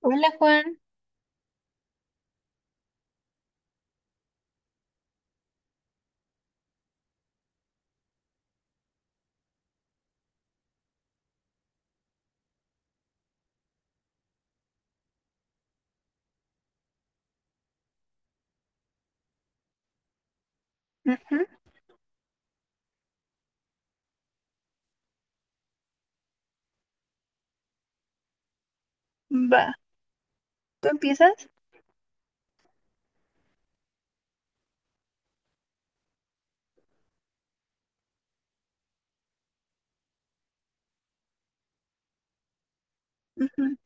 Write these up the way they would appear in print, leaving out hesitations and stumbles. Hola Juan. Ujú. Va. ¿Tú empiezas? Ujú.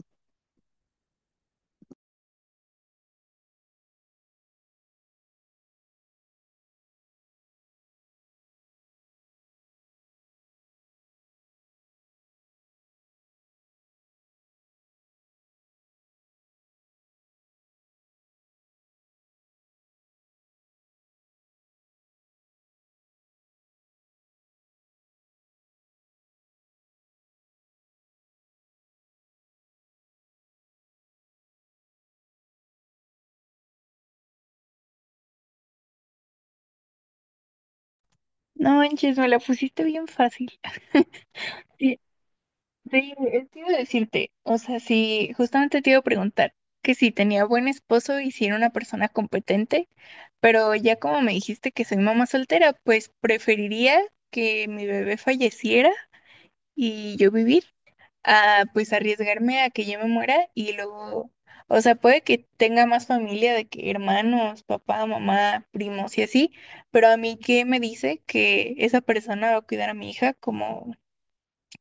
No manches, me la pusiste bien fácil. Sí, sí, te iba a decirte, o sea, sí, justamente te iba a preguntar que si tenía buen esposo y si era una persona competente, pero ya como me dijiste que soy mamá soltera, pues preferiría que mi bebé falleciera y yo vivir. A pues arriesgarme a que yo me muera y luego, o sea, puede que tenga más familia de que hermanos, papá, mamá, primos y así, pero a mí qué me dice que esa persona va a cuidar a mi hija como,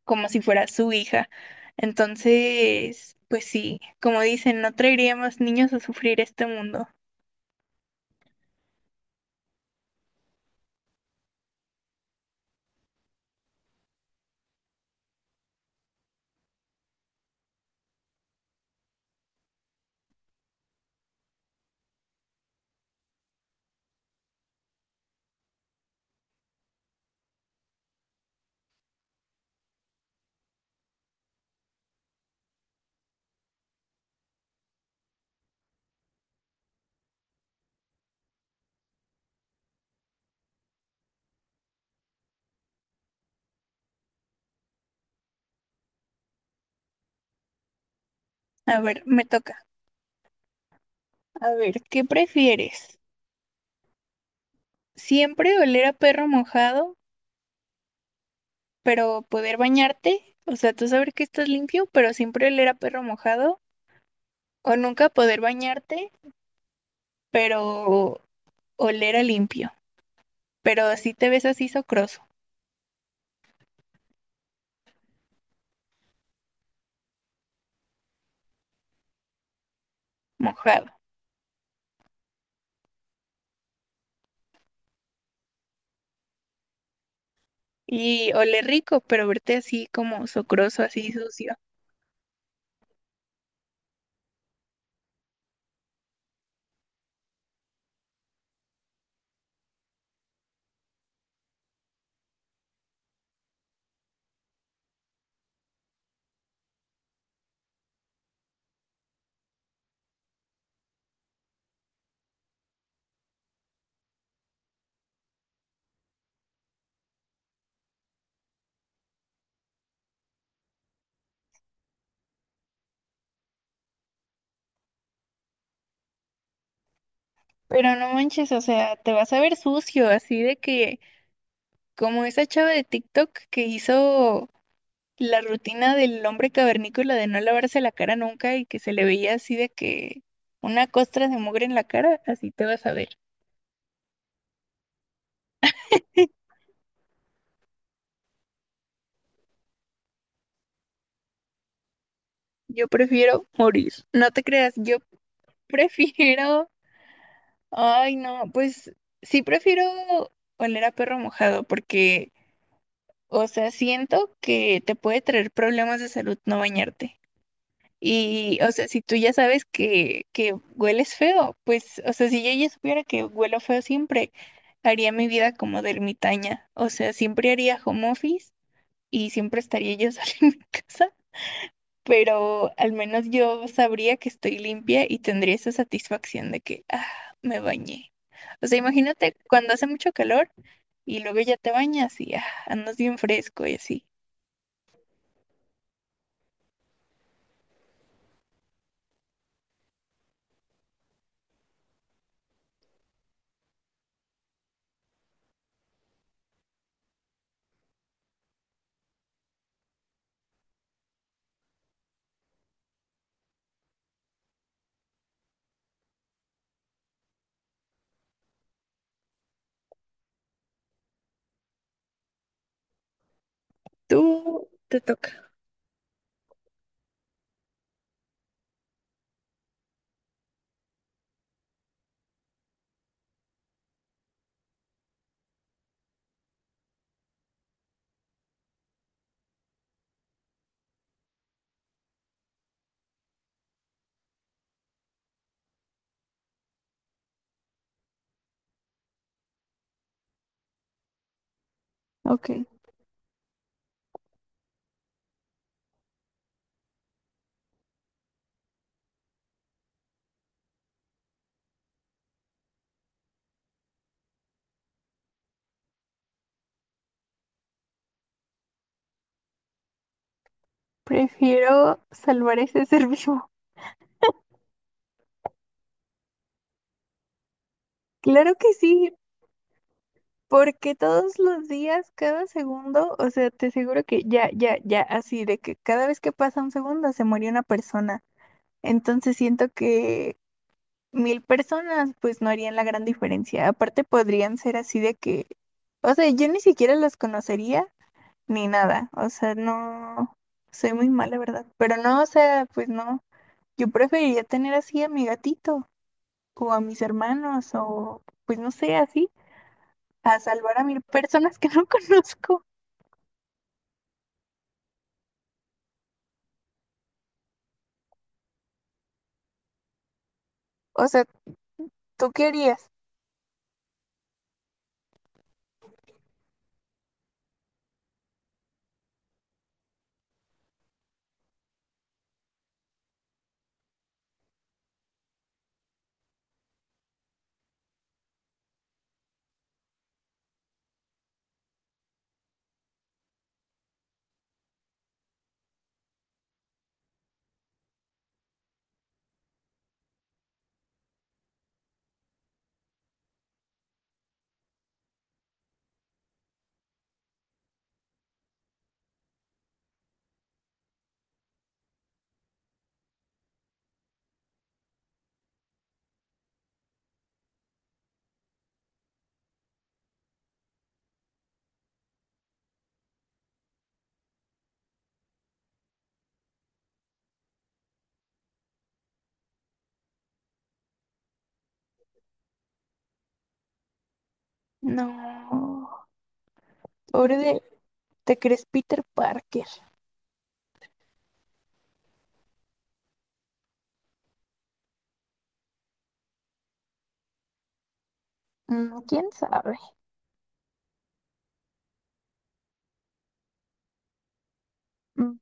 como si fuera su hija. Entonces, pues sí, como dicen, no traeríamos niños a sufrir este mundo. A ver, me toca. A ver, ¿qué prefieres? ¿Siempre oler a perro mojado pero poder bañarte, o sea, tú saber que estás limpio, pero siempre oler a perro mojado, o nunca poder bañarte, pero oler a limpio, pero así te ves así socroso, mojado, y oler rico, pero verte así como socroso, así sucio? Pero no manches, o sea, te vas a ver sucio, así de que como esa chava de TikTok que hizo La rutina del hombre cavernícola de no lavarse la cara nunca y que se le veía así de que una costra de mugre en la cara, así te vas a ver. Yo prefiero morir. No te creas, yo prefiero. Ay, no, pues sí prefiero oler a perro mojado porque, o sea, siento que te puede traer problemas de salud no bañarte. Y, o sea, si tú ya sabes que hueles feo, pues, o sea, si yo ya supiera que huelo feo siempre, haría mi vida como de ermitaña. O sea, siempre haría home office y siempre estaría yo sola en mi casa, pero al menos yo sabría que estoy limpia y tendría esa satisfacción de que, ah, me bañé. O sea, imagínate cuando hace mucho calor y luego ya te bañas y ah, andas bien fresco y así. Tú te toca. Ok, prefiero salvar ese ser vivo. Claro que sí, porque todos los días, cada segundo, o sea, te aseguro que ya, ya, ya, así de que cada vez que pasa un segundo se muere una persona. Entonces siento que 1.000 personas pues no harían la gran diferencia. Aparte podrían ser así de que, o sea, yo ni siquiera los conocería ni nada. O sea, no, soy muy mala, ¿verdad? Pero no, o sea, pues no. Yo preferiría tener así a mi gatito o a mis hermanos o pues no sé, así. A salvar a 1.000 personas que no conozco. O sea, ¿tú qué harías? No, pobre de, ¿te crees Peter Parker? Mm. ¿Quién sabe? Mm.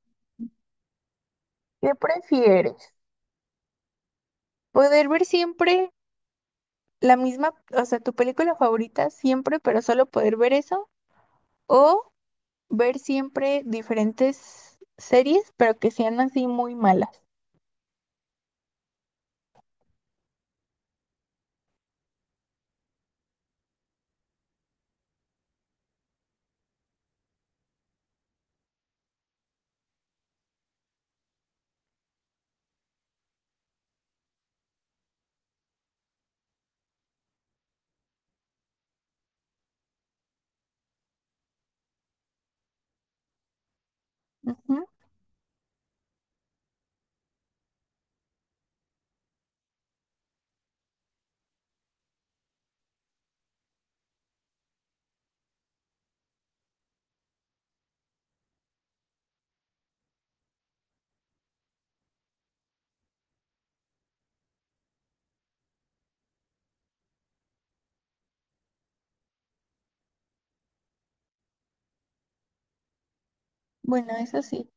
¿Qué prefieres? Poder ver siempre la misma, o sea, tu película favorita siempre, pero solo poder ver eso, o ver siempre diferentes series, pero que sean así muy malas. Ujú. Bueno, eso sí.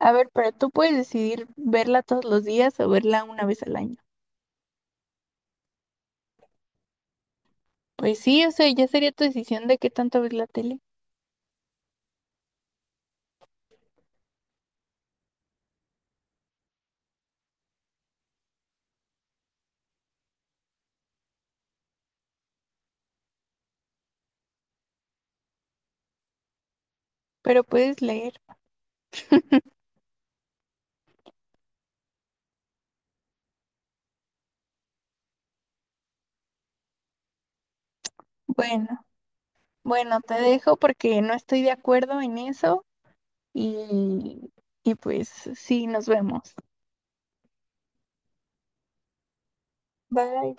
A ver, pero tú puedes decidir verla todos los días o verla una vez al año. Pues sí, o sea, ya sería tu decisión de qué tanto ves la tele, pero puedes leer. Bueno, bueno, te dejo porque no estoy de acuerdo en eso y, y pues sí, nos vemos. Bye.